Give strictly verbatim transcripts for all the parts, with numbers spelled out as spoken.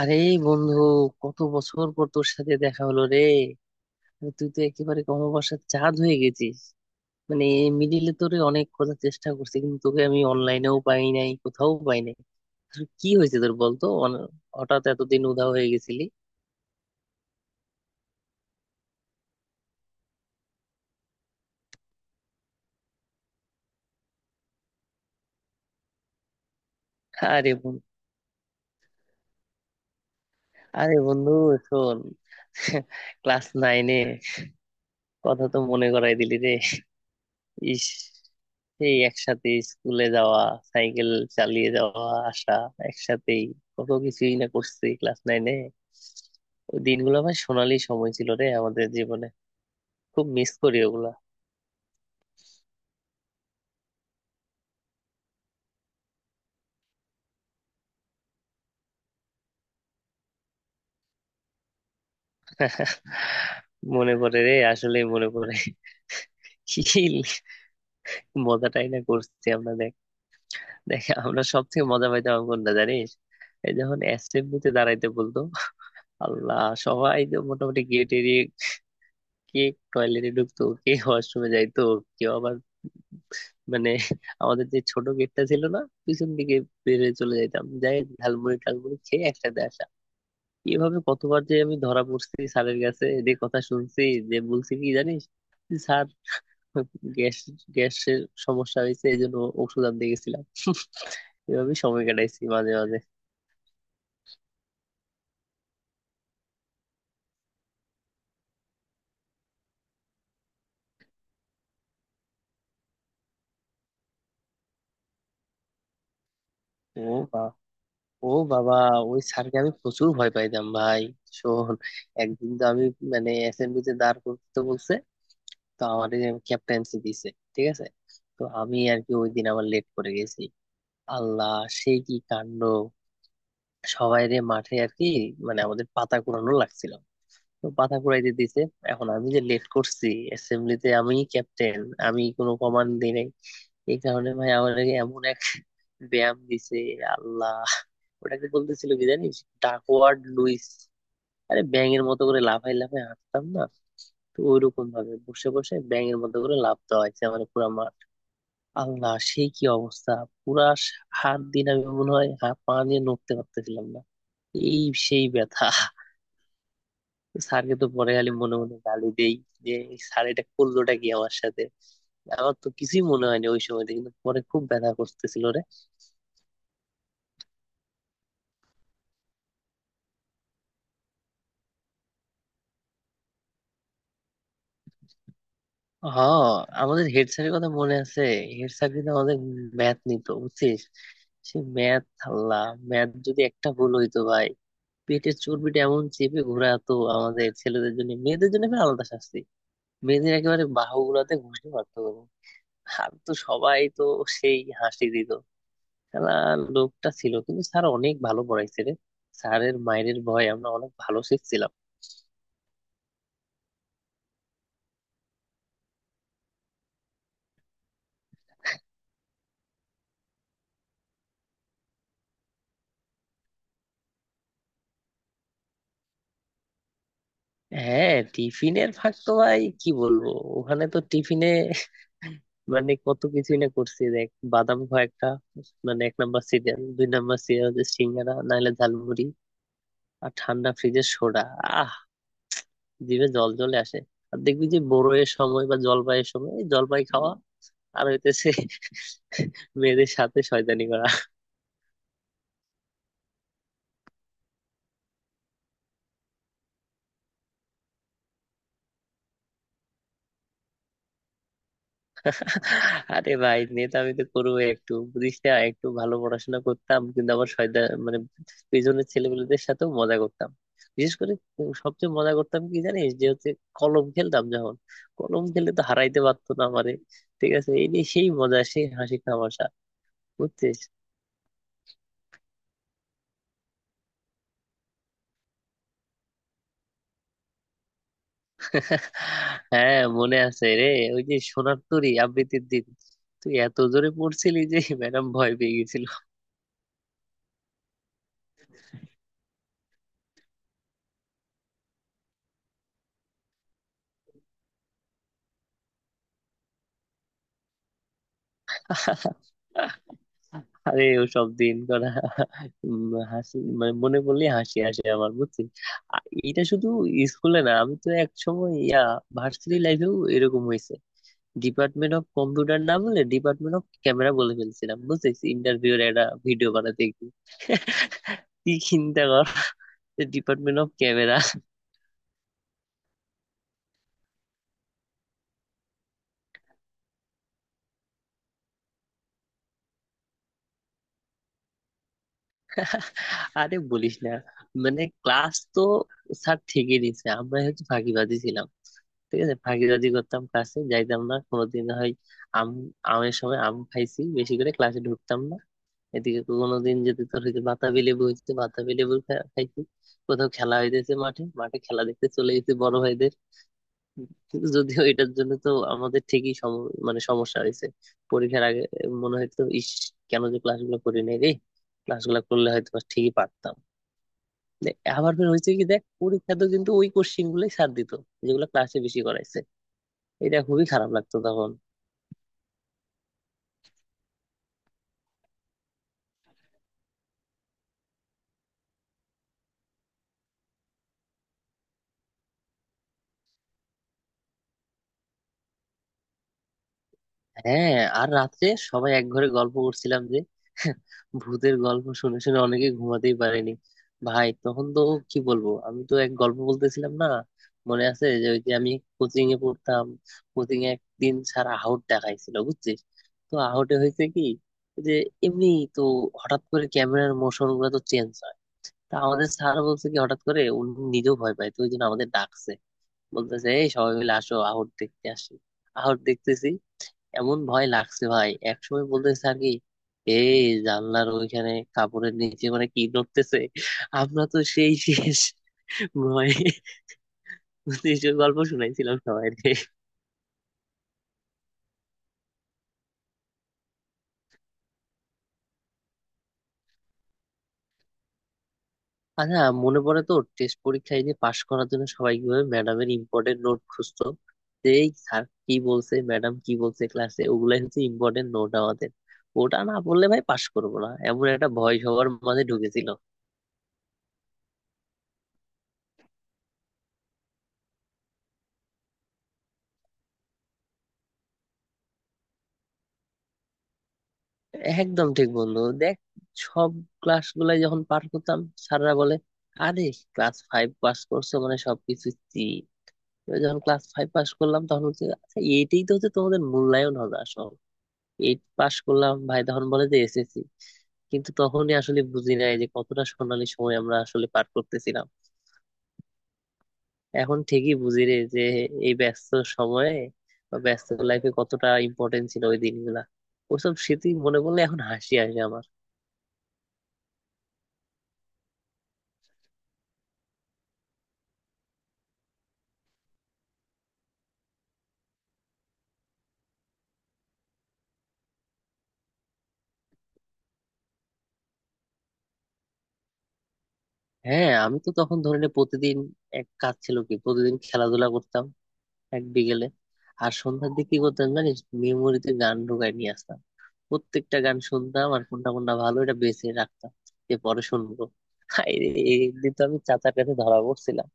আরে বন্ধু, কত বছর পর তোর সাথে দেখা হলো রে! আরে তুই তো একেবারে অমাবস্যার চাঁদ হয়ে গেছিস। মানে মিডিলে তোরে অনেক খোঁজার চেষ্টা করছি, কিন্তু তোকে আমি অনলাইনেও পাই নাই, কোথাও পাই নাই। আসলে কি হয়েছে তোর বলতো? অন- হঠাৎ এতদিন উধাও হয়ে গেছিলি? আরে বন্ধু আরে বন্ধু শোন। ক্লাস নাইনে কথা তো মনে করাই দিলি রে! ইস, এই একসাথে স্কুলে যাওয়া, সাইকেল চালিয়ে যাওয়া, আসা একসাথেই, কত কিছুই না করছি ক্লাস নাইনে। ওই দিনগুলো ভাই সোনালি সময় ছিল রে আমাদের জীবনে। খুব মিস করি ওগুলা। মনে পড়ে রে, আসলেই মনে পড়ে। কি মজাটাই না করছি আমরা, দেখ! দেখ আমরা সব থেকে মজা পাইতাম কোনটা জানিস? এই যখন অ্যাসেম্বলিতে দাঁড়াইতে বলতো, আল্লাহ! সবাই তো মোটামুটি গেট এড়িয়ে, কে টয়লেটে ঢুকতো, কে ওয়াশরুমে যাইতো, কেউ আবার মানে আমাদের যে ছোট গেটটা ছিল না পিছন দিকে, বের হয়ে চলে যাইতাম, যাই ঝালমুড়ি টালমুড়ি খেয়ে একসাথে আসা। এভাবে কতবার যে আমি ধরা পড়ছি স্যারের কাছে, এদের কথা শুনছি। যে বলছি কি জানিস, স্যার গ্যাস গ্যাসের সমস্যা হয়েছে, এই জন্য ওষুধ আনতে গেছিলাম। এভাবে সময় কাটাইছি মাঝে মাঝে। ও বা ও বাবা ওই স্যারকে আমি প্রচুর ভয় পাইতাম ভাই। শোন, একদিন তো আমি মানে অ্যাসেম্বলিতে দাঁড় করতে বলছে, তো আমার ক্যাপ্টেন্সি দিছে, ঠিক আছে। তো আমি আর কি ওই দিন আবার লেট করে গেছি। আল্লাহ, সে কি কাণ্ড! সবাই রে মাঠে আর কি, মানে আমাদের পাতা কুড়ানো লাগছিল, তো পাতা কুড়াইতে দিছে। এখন আমি যে লেট করছি, অ্যাসেম্বলিতে আমি ক্যাপ্টেন, আমি কোনো কমান্ড দিই নাই। এই কারণে ভাই আমার এমন এক ব্যায়াম দিছে, আল্লাহ! ওটাকে বলতেছিল কি জানিস? Duckworth Luis. আরে ব্যাঙের মতো করে লাফাই লাফাই হাঁটতাম না? তো ওইরকম ভাবে বসে বসে ব্যাঙের মতো করে লাফ দেওয়া হয়েছে আমার পুরো। আল্লাহ সেই কি অবস্থা! পুরা হাত দিন, আমি মনে হয় হাত পা নিয়ে নড়তে পারতেছিলাম না, এই সেই ব্যথা। স্যারকে তো পরে খালি মনে মনে গালি দেই, যে এই স্যার এটা করলোটা কি আমার সাথে। আমার তো কিছুই মনে হয়নি ওই সময়তে, কিন্তু পরে খুব ব্যথা করতেছিল রে। হ্যাঁ, আমাদের হেড স্যারের কথা মনে আছে? হেড স্যার কিন্তু আমাদের ম্যাথ নিত, বুঝছিস। সে ম্যাথ, আল্লাহ! ম্যাথ যদি একটা ভুল হইতো ভাই, পেটের চর্বিটা এমন চেপে ঘোরাতো আমাদের। ছেলেদের জন্য, মেয়েদের জন্য ফের আলাদা শাস্তি। বেদের একেবারে বাহুগুলাতে ঘুষে মারতো গরু। আর তো সবাই তো সেই হাসি দিত খেলা। লোকটা ছিল কিন্তু, স্যার অনেক ভালো পড়াইছে রে। স্যারের মায়ের ভয় আমরা অনেক ভালো শিখছিলাম। হ্যাঁ, টিফিনের ফাঁক তো ভাই কি বলবো! ওখানে তো টিফিনে মানে কত কিছুই না করছি, দেখ। বাদাম খোয়া একটা, মানে এক নাম্বার সিরিয়াল দুই নাম্বার সিরিয়াল হচ্ছে সিঙ্গারা, নাহলে ঝালমুড়ি। আর ঠান্ডা ফ্রিজের সোডা, আহ, জিভে জল চলে আসে। আর দেখবি যে বড়োয়ের সময় বা জলপাইয়ের সময় এই জলপাই খাওয়া। আর হইতেছে মেয়েদের সাথে শয়তানি করা। আরে ভাই নেতা আমি তো করবো একটু, বুঝিস না, একটু ভালো পড়াশোনা করতাম কিন্তু আবার শয়তান মানে, পেছনের ছেলেপেলেদের সাথেও মজা করতাম। বিশেষ করে সবচেয়ে মজা করতাম কি জানিস, যে হচ্ছে কলম খেলতাম যখন, কলম খেলে তো হারাইতে পারতো না আমারে। ঠিক আছে, এই নিয়ে সেই মজা সেই হাসি তামাশা, বুঝছিস। হ্যাঁ মনে আছে রে। ওই যে সোনার তরী আবৃত্তির দিন, তুই এত জোরে পড়ছিলি যে ম্যাডাম ভয় পেয়ে গেছিল। আরে ওসব দিন করা, উম, হাসি মানে মনে পড়লে হাসি আসে আমার, বুঝছিস। আ- এটা শুধু স্কুলে না, আমি তো এক সময় ইয়া, ভার্সিটি লাইফেও এরকম হয়েছে। ডিপার্টমেন্ট অফ কম্পিউটার না বলে ডিপার্টমেন্ট অফ ক্যামেরা বলে ফেলছিলাম, বুঝছিস, ইন্টারভিউ এর একটা ভিডিও বানাতে গিয়ে। কি চিন্তা কর, ডিপার্টমেন্ট অফ ক্যামেরা! আরে বলিস না, মানে ক্লাস তো স্যার ঠিকই নিছে, আমরা হচ্ছে ফাঁকিবাজি ছিলাম। ঠিক আছে, ফাঁকিবাজি করতাম, ক্লাসে যাইতাম না কোনোদিন হয়। আম আমের সময় আম খাইছি বেশি করে, ক্লাসে ঢুকতাম না। এদিকে কোনোদিন যদি তোর হচ্ছে বাতাবি লেবু, হচ্ছে বাতাবি লেবু খা- খাইছি। কোথাও খেলা হইতেছে মাঠে মাঠে, খেলা দেখতে চলে গেছি বড় ভাইদের। কিন্তু যদিও এটার জন্য তো আমাদের ঠিকই সম- মানে সমস্যা হয়েছে পরীক্ষার আগে। মনে হয়তো ইস, কেন যে ক্লাসগুলো করি নাই রে। ক্লাসগুলো করলে হয়তো বা ঠিকই পারতাম। দে- আবার ফের হয়েছে কি, দেখ পরীক্ষাতে কিন্তু ওই কোশ্চিন গুলোই স্যার দিত, যেগুলো ক্লাসে বেশি করাইছে। এটা খুবই খারাপ লাগতো তখন। হ্যাঁ, আর রাত্রে সবাই এক ঘরে গল্প করছিলাম যে। ভূতের গল্প শুনে শুনে অনেকে ঘুমাতেই পারেনি। ভাই তখন তো কি বলবো, আমি তো এক গল্প বলতেছিলাম না। মনে আছে, যে ওই যে আমি কোচিং এ পড়তাম। কোচিং এ একদিন স্যার আহট দেখাইছিল, বুঝছিস। তো আহটে হয়েছে কি, যে এমনি তো হঠাৎ করে ক্যামেরার মোশন গুলো তো চেঞ্জ হয়। তা আমাদের স্যার বলছে কি হঠাৎ করে উনি নিজেও ভয় পায়, তো ওই জন্য আমাদের ডাকছে। বলতেছে এই সবাই মিলে আসো আহট দেখতে আসি। আহট দেখতেছি, এমন ভয় লাগছে ভাই, একসময় বলতেছে স্যার কি, এই জানলার ওইখানে কাপড়ের নিচে মানে কি ধরতেছে? আমরা তো সেই শেষ, ভয় গল্প শুনাইছিলাম সবাই। আচ্ছা মনে পড়ে তো, টেস্ট পরীক্ষায় যে পাশ করার জন্য সবাই কিভাবে ম্যাডামের ইম্পর্টেন্ট নোট খুঁজতো। যে এই স্যার কি বলছে, ম্যাডাম কি বলছে ক্লাসে, ওগুলাই হচ্ছে ইম্পর্টেন্ট নোট আমাদের। ওটা না পড়লে ভাই পাশ করবো না, এমন একটা ভয় সবার মাঝে ঢুকেছিল। একদম ঠিক বন্ধু, দেখ সব ক্লাস গুলাই যখন পার করতাম, স্যাররা বলে আরে ক্লাস ফাইভ পাস করছো মানে সবকিছু সি। যখন ক্লাস ফাইভ পাস করলাম তখন হচ্ছে আচ্ছা এইটাই তো হচ্ছে তোমাদের মূল্যায়ন হবে আসলে। এইট পাস করলাম ভাই, তখন বলে যে এস এস সি। কিন্তু তখনই আসলে বুঝি নাই যে কতটা সোনালী সময় আমরা আসলে পার করতেছিলাম। এখন ঠিকই বুঝি রে যে এই ব্যস্ত সময়ে বা ব্যস্ত লাইফে কতটা ইম্পর্টেন্ট ছিল ওই দিনগুলা। ওসব স্মৃতি মনে পড়লে এখন হাসি আসে আমার। হ্যাঁ আমি তো তখন ধরে নে প্রতিদিন এক কাজ ছিল কি, প্রতিদিন খেলাধুলা করতাম এক বিকেলে। আর সন্ধ্যার দিকে কি করতাম জানিস, মেমোরিতে গান ঢুকায় নিয়ে আসতাম। প্রত্যেকটা গান শুনতাম আর কোনটা কোনটা ভালো এটা বেছে রাখতাম, যে পরে শুনবো। হায় রে, একদিন তো আমি চাচার কাছে ধরা পড়ছিলাম,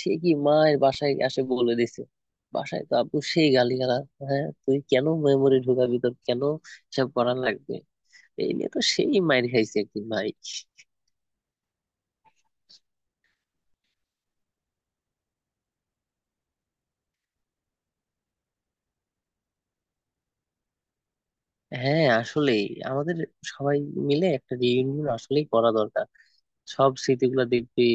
সে কি মায়ের বাসায় আসে বলে দিছে। বাসায় তো আপু সেই গালিগালাজ, হ্যাঁ তুই কেন মেমোরি ঢুকাবি, তোর কেন সব করা লাগবে। এই নিয়ে তো সেই মায়ের খাইছে একদিন ভাই। হ্যাঁ আসলে আমাদের সবাই মিলে একটা রিইউনিয়ন আসলেই করা দরকার। সব স্মৃতিগুলো দেখবি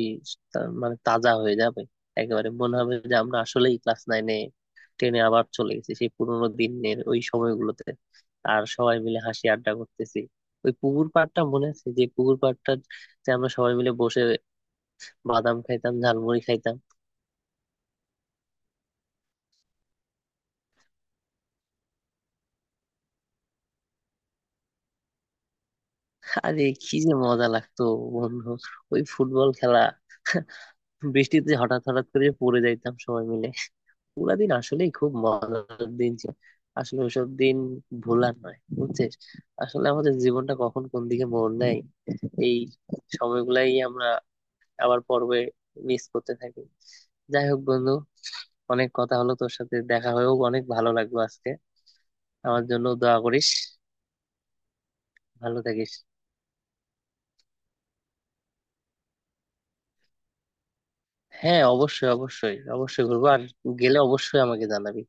তা- মানে তাজা হয়ে যাবে। একেবারে মনে হবে যে আমরা আসলেই ক্লাস নাইনে টেনে আবার চলে গেছি সেই পুরোনো দিনের ওই সময়গুলোতে। আর সবাই মিলে হাসি আড্ডা করতেছি। ওই পুকুর পাড়টা মনে আছে, যে পুকুর পাড়টা যে আমরা সবাই মিলে বসে বাদাম খাইতাম, ঝালমুড়ি খাইতাম। আরে কি যে মজা লাগতো বন্ধু, ওই ফুটবল খেলা! বৃষ্টিতে হঠাৎ হঠাৎ করে পড়ে যাইতাম সবাই মিলে। পুরা দিন আসলেই খুব মজার দিন ছিল। আসলে ওইসব দিন ভোলার নয়, বুঝছিস। আসলে আমাদের জীবনটা কখন কোন দিকে মোড় নেয়, এই সময়গুলাই আমরা আবার পর্বে মিস করতে থাকি। যাই হোক বন্ধু, অনেক কথা হলো, তোর সাথে দেখা হয়েও অনেক ভালো লাগলো আজকে। আমার জন্য দোয়া করিস। ভালো থাকিস। হ্যাঁ অবশ্যই, অবশ্যই, অবশ্যই ঘুরবো, আর গেলে অবশ্যই আমাকে জানাবি।